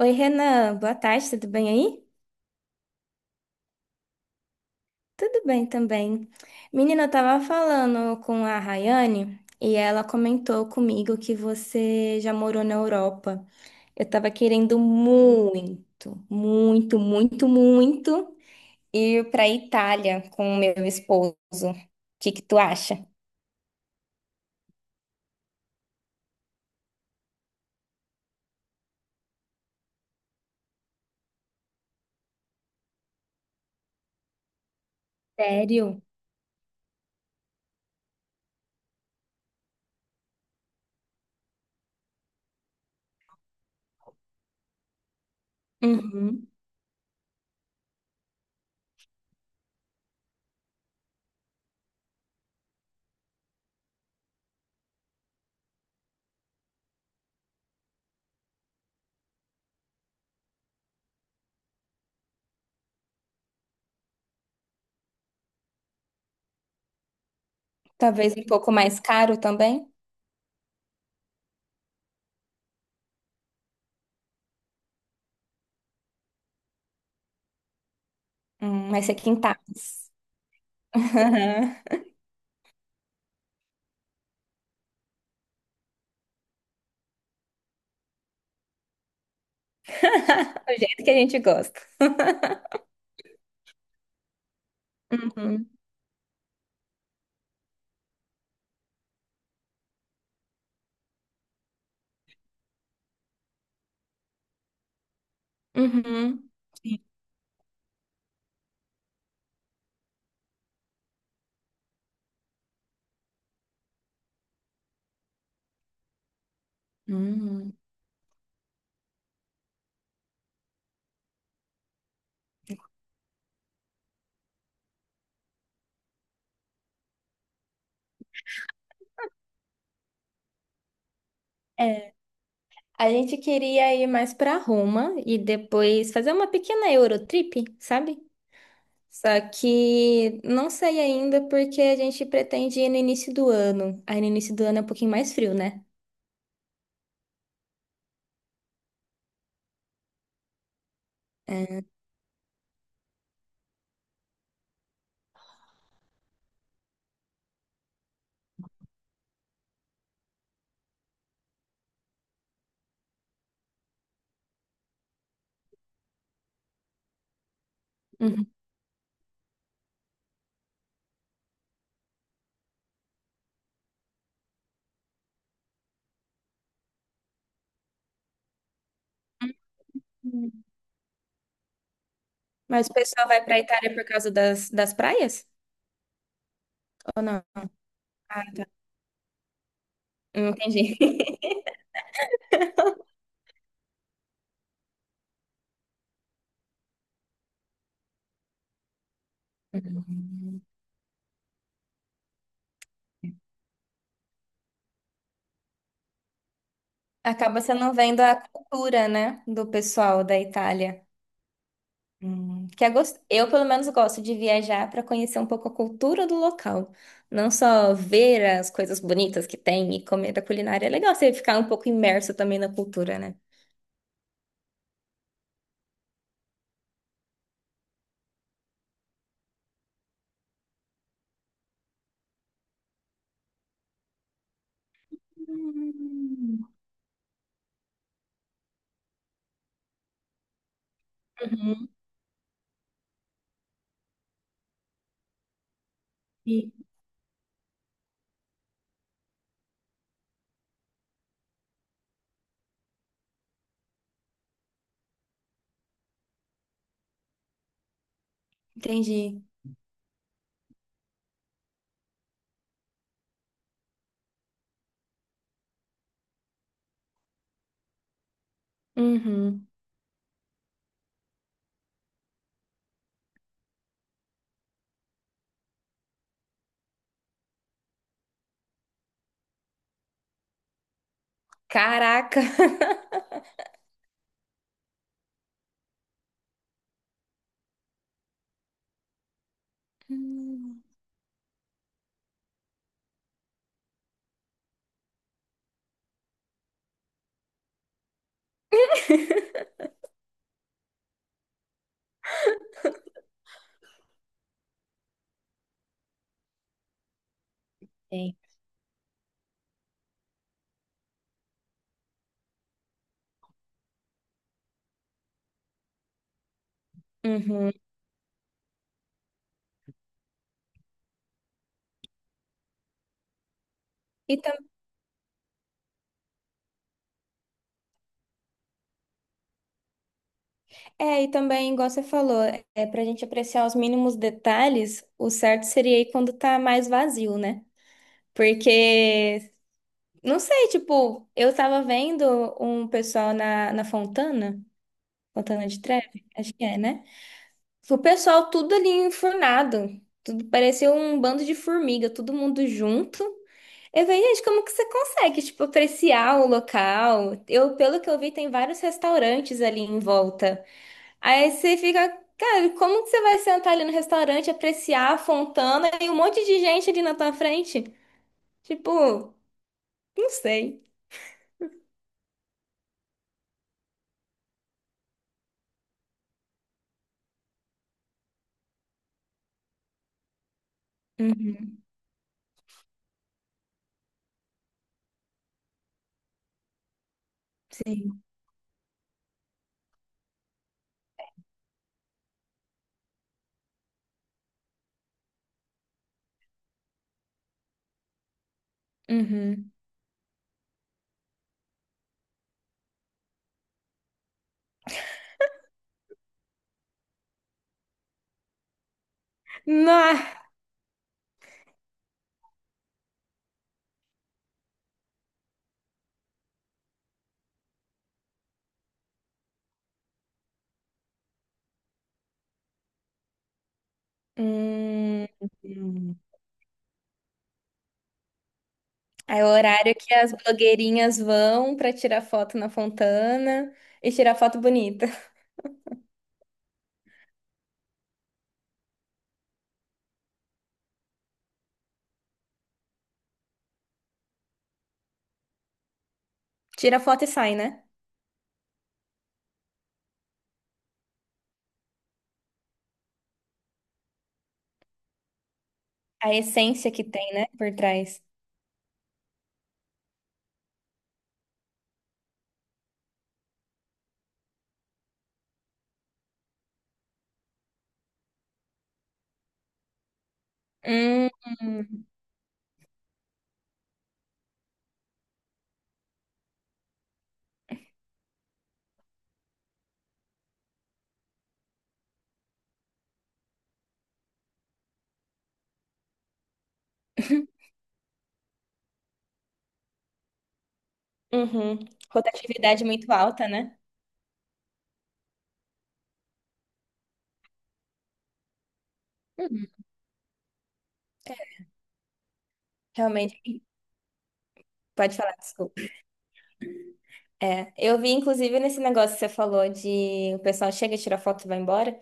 Oi, Renan, boa tarde, tudo bem aí? Tudo bem também. Menina, eu tava falando com a Rayane e ela comentou comigo que você já morou na Europa. Eu tava querendo muito, muito, muito, muito ir pra Itália com o meu esposo. O que que tu acha? Sério? Uhum. Talvez um pouco mais caro também. Mas é quintais. Do jeito que a gente gosta. Uhum. Uhum. Hum. É, a gente queria ir mais para Roma e depois fazer uma pequena Eurotrip, sabe? Só que não sei ainda porque a gente pretende ir no início do ano. Aí no início do ano é um pouquinho mais frio, né? É. Uhum. Mas o pessoal vai para Itália por causa das praias? Ou não? Ah, tá. Não entendi. Uhum. Acaba você não vendo a cultura, né, do pessoal da Itália. Eu, pelo menos, gosto de viajar para conhecer um pouco a cultura do local. Não só ver as coisas bonitas que tem e comer da culinária. É legal você ficar um pouco imerso também na cultura, né? Hum. Uhum. e- Entendi. Uhum. Caraca! Hum. Tem. Uhum. E, tam É, e também, igual você falou, é, para a gente apreciar os mínimos detalhes, o certo seria ir quando tá mais vazio, né? Porque Não sei, tipo, eu tava vendo um pessoal na Fontana, Fontana de Treve, acho que é, né? O pessoal tudo ali enfurnado, tudo parecia um bando de formiga, todo mundo junto. Eu falei, gente, como que você consegue, tipo, apreciar o local? Eu, pelo que eu vi, tem vários restaurantes ali em volta. Aí você fica, cara, como que você vai sentar ali no restaurante, apreciar a Fontana e um monte de gente ali na tua frente? Tipo, não sei. Uhum. Sim. Uhum. Nah. Hum. Hum. É o horário que as blogueirinhas vão pra tirar foto na Fontana e tirar foto bonita. Tira foto e sai, né? A essência que tem, né, por trás. Hum. Uhum. Rotatividade muito alta, né? Uhum. Realmente, pode falar, desculpa. É, eu vi inclusive nesse negócio que você falou de o pessoal chega, tira foto e vai embora.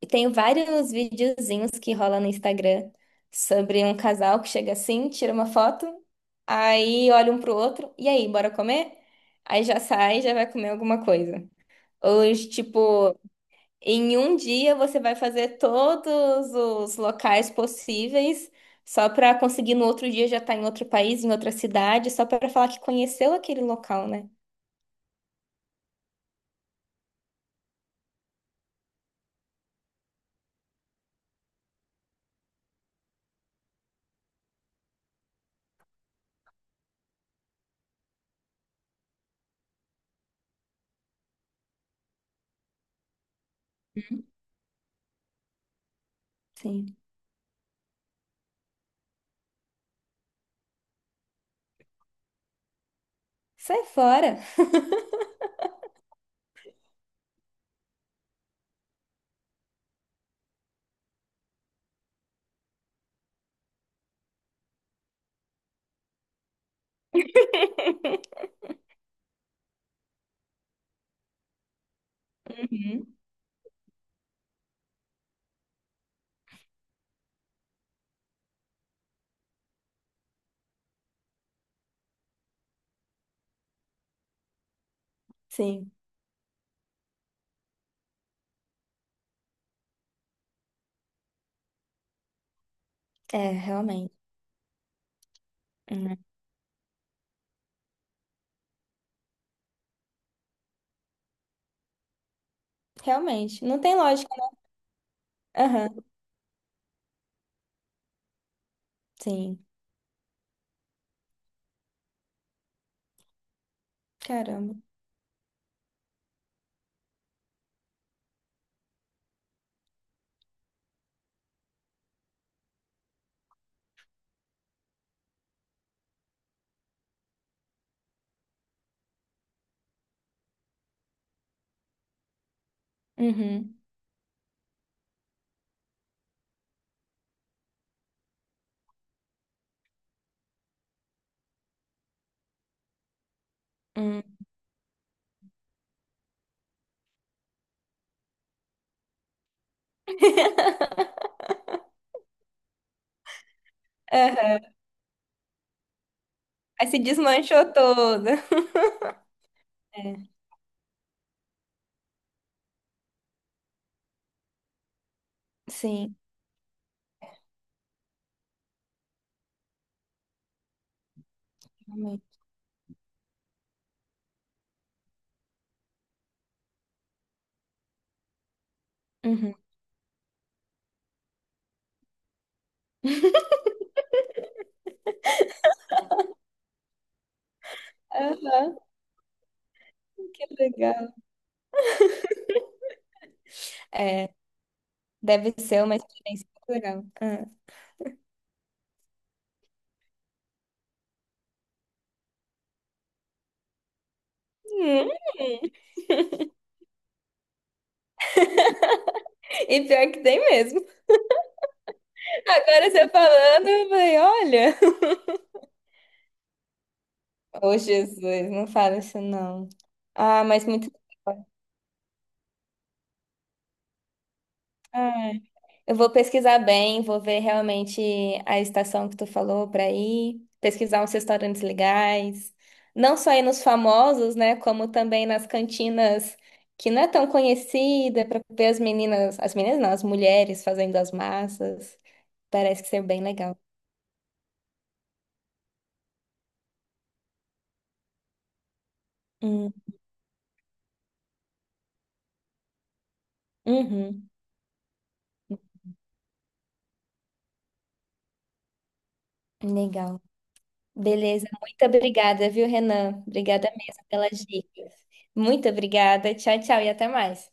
E tenho vários videozinhos que rola no Instagram sobre um casal que chega assim, tira uma foto, aí olha um pro outro, e aí, bora comer? Aí já sai, e já vai comer alguma coisa. Ou, tipo, em um dia você vai fazer todos os locais possíveis só pra conseguir no outro dia já estar em outro país, em outra cidade, só pra falar que conheceu aquele local, né? Sim. Sai fora. Uhum. Sim. É, realmente. Hum. Realmente. Não tem lógica. Aham, sim. Caramba. Uhum. Uhum. Aham. Aí se desmanchou toda. É, sim, realmente. Uhum. Aham, que legal. Deve ser uma experiência muito legal. Ah. Hum, e pior que tem mesmo. Agora você falando, eu falei, olha. Ô, Jesus, não fala isso não. Ah, mas muito. Eu vou pesquisar bem, vou ver realmente a estação que tu falou para ir, pesquisar uns restaurantes legais, não só ir nos famosos, né, como também nas cantinas que não é tão conhecida, para ver as meninas não, as mulheres fazendo as massas. Parece que ser bem legal. Hum. Uhum. Legal. Beleza, muito obrigada, viu, Renan? Obrigada mesmo pelas dicas. Muito obrigada. Tchau, tchau e até mais.